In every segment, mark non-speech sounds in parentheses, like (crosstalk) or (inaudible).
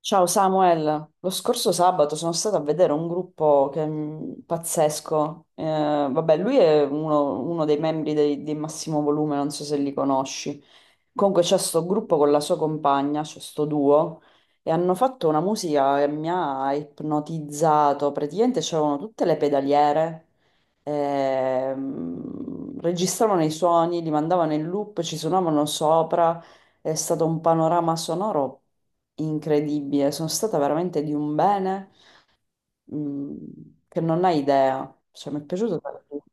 Ciao Samuel, lo scorso sabato sono stata a vedere un gruppo che è pazzesco. Vabbè, lui è uno dei membri di Massimo Volume, non so se li conosci. Comunque c'è sto gruppo con la sua compagna, c'è sto duo, e hanno fatto una musica che mi ha ipnotizzato. Praticamente c'erano tutte le pedaliere, registravano i suoni, li mandavano in loop, ci suonavano sopra, è stato un panorama sonoro incredibile, sono stata veramente di un bene, mm, che non hai idea, cioè mi è piaciuto tantissimo.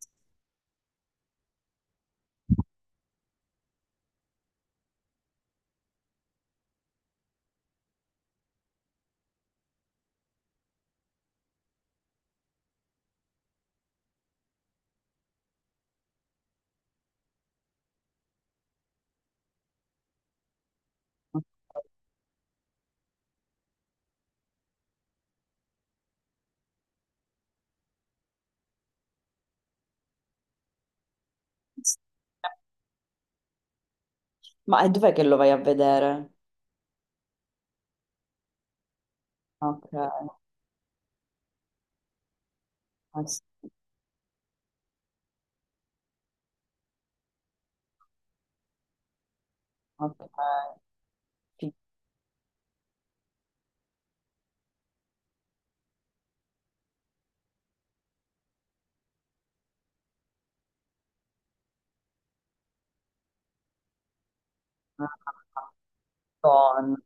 Ma e dov'è che lo vai a vedere? Ok, eh sì, ok, Madonna.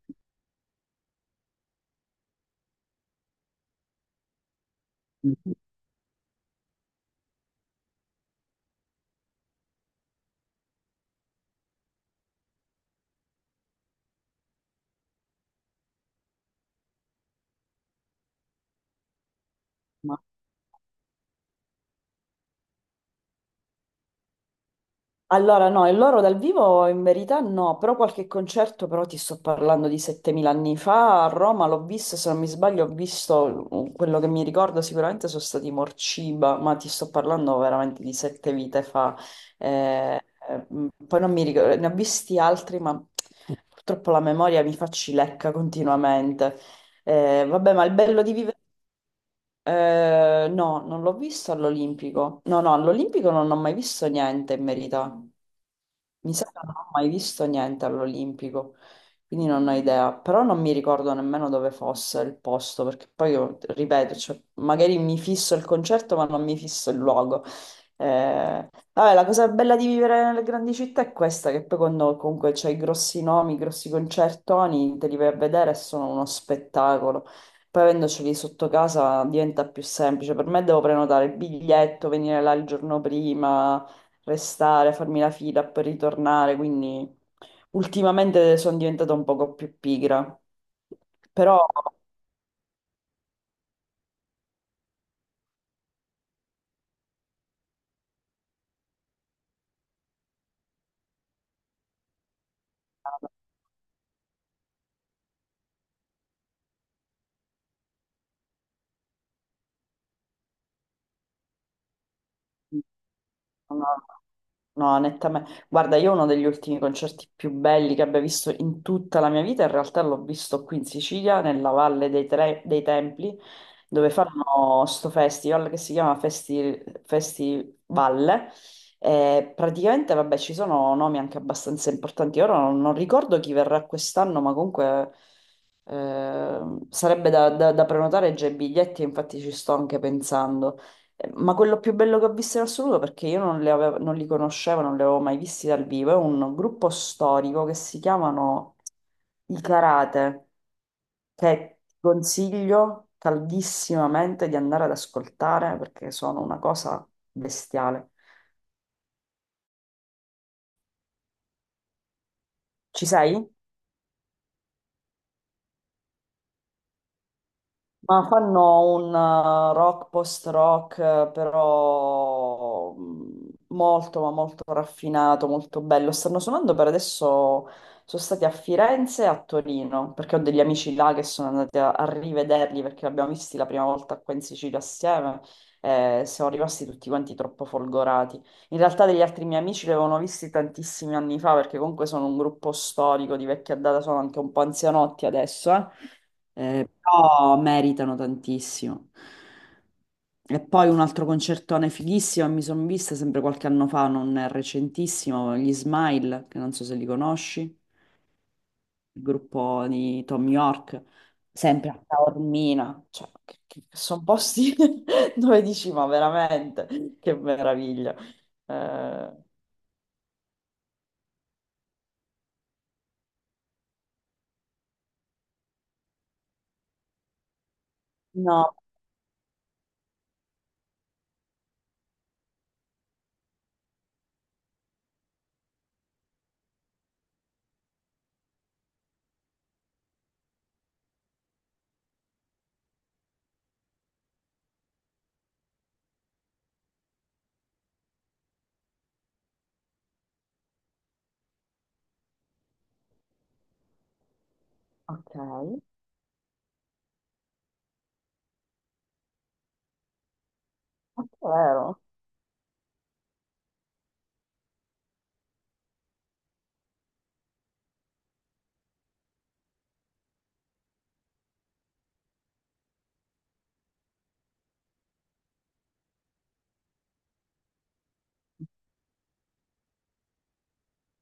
Allora, no, e loro dal vivo in verità no, però qualche concerto, però ti sto parlando di 7000 anni fa. A Roma l'ho visto, se non mi sbaglio, ho visto, quello che mi ricordo sicuramente sono stati i Morciba, ma ti sto parlando veramente di sette vite fa. Eh, poi non mi ricordo, ne ho visti altri, ma purtroppo la memoria mi fa cilecca continuamente. Vabbè, ma il bello di vivere... no, non l'ho visto all'Olimpico. No, no, all'Olimpico non ho mai visto niente in verità. Mi sa che non ho mai visto niente all'Olimpico, quindi non ho idea, però non mi ricordo nemmeno dove fosse il posto, perché poi io, ripeto, cioè, magari mi fisso il concerto, ma non mi fisso il luogo. Vabbè, la cosa bella di vivere nelle grandi città è questa, che poi quando comunque c'hai i grossi nomi, i grossi concertoni, te li vai a vedere e sono uno spettacolo. Poi avendoceli sotto casa diventa più semplice. Per me devo prenotare il biglietto, venire là il giorno prima, restare, farmi la fila per ritornare, quindi ultimamente sono diventata un poco più pigra, però no, no, nettamente. Guarda, io uno degli ultimi concerti più belli che abbia visto in tutta la mia vita, in realtà l'ho visto qui in Sicilia, nella Valle dei Templi, dove fanno sto festival che si chiama Festival. E praticamente, vabbè, ci sono nomi anche abbastanza importanti. Ora non ricordo chi verrà quest'anno, ma comunque eh, sarebbe da, da prenotare già i biglietti, infatti ci sto anche pensando. Ma quello più bello che ho visto in assoluto, perché io non, le avevo- non li conoscevo, non li avevo mai visti dal vivo, è un gruppo storico che si chiamano I Karate, che ti consiglio caldissimamente di andare ad ascoltare perché sono una cosa bestiale. Ci sei? Ma fanno un rock post-rock, molto, ma molto raffinato, molto bello. Stanno suonando per adesso, sono stati a Firenze e a Torino, perché ho degli amici là che sono andati a rivederli, perché li abbiamo visti la prima volta qua in Sicilia assieme, e siamo rimasti tutti quanti troppo folgorati. In realtà degli altri miei amici li avevano visti tantissimi anni fa, perché comunque sono un gruppo storico di vecchia data, sono anche un po' anzianotti adesso, però meritano tantissimo. E poi un altro concertone fighissimo, che mi sono vista sempre qualche anno fa, non è recentissimo, gli Smile, che non so se li conosci, il gruppo di Tom York, sempre a Taormina, cioè, sono posti (laughs) dove dici, ma veramente, che meraviglia. Eh, no, ok, ah, vero,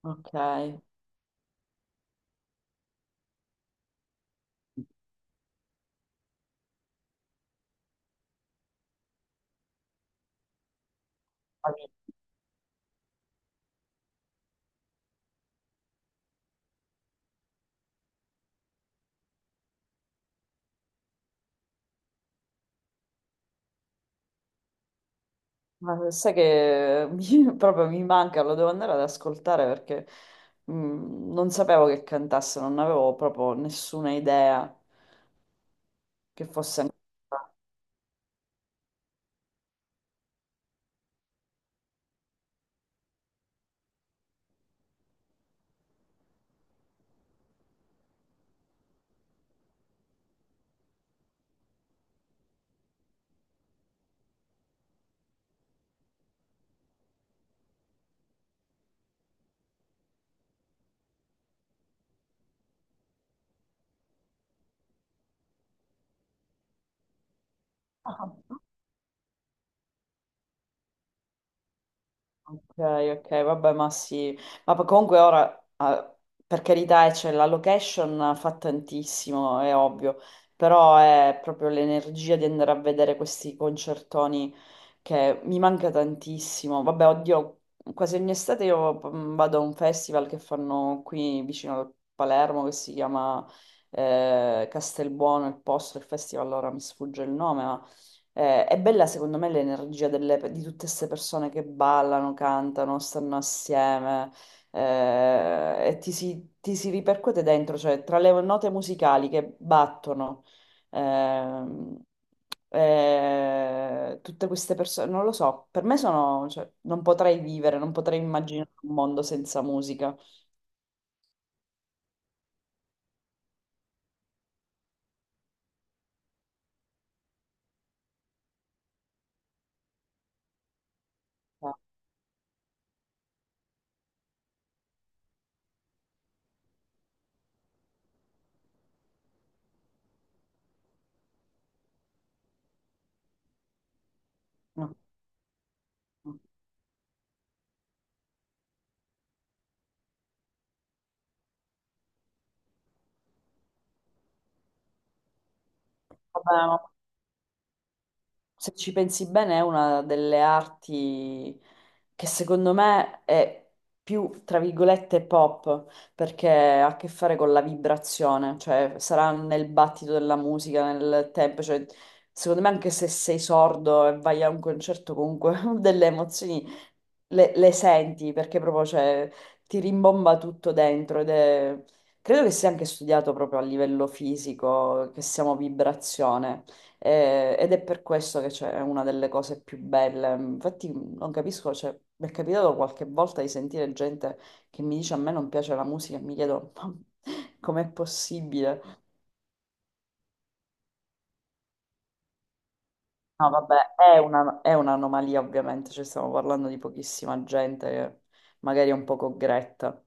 ok. Ma sai che mi- (laughs) proprio mi manca, lo devo andare ad ascoltare perché non sapevo che cantasse, non avevo proprio nessuna idea che fosse ancora. (laughs) Ok, ok, vabbè, ma sì, ma poi comunque ora, per carità, cioè, la location fa tantissimo, è ovvio, però è proprio l'energia di andare a vedere questi concertoni che mi manca tantissimo. Vabbè, oddio, quasi ogni estate io vado a un festival che fanno qui vicino a Palermo, che si chiama Castelbuono, il posto, il festival, ora mi sfugge il nome, è bella secondo me l'energia di tutte queste persone che ballano, cantano, stanno assieme, e ti si ripercuote dentro, cioè tra le note musicali che battono, ehm, tutte queste persone, non lo so, per me sono, cioè, non potrei vivere, non potrei immaginare un mondo senza musica. Eh, No, no. Vabbè, se ci pensi bene, è una delle arti che secondo me è più, tra virgolette, pop, perché ha a che fare con la vibrazione, cioè sarà nel battito della musica, nel tempo, cioè secondo me anche se sei sordo e vai a un concerto comunque (laughs) delle emozioni le senti perché proprio cioè, ti rimbomba tutto dentro ed è... Credo che sia anche studiato proprio a livello fisico, che siamo vibrazione, ed è per questo che cioè, è una delle cose più belle. Infatti non capisco, cioè, mi è capitato qualche volta di sentire gente che mi dice a me non piace la musica e mi chiedo ma com'è possibile? No, vabbè, è una- è un'anomalia ovviamente, cioè, stiamo parlando di pochissima gente che magari è un poco gretta.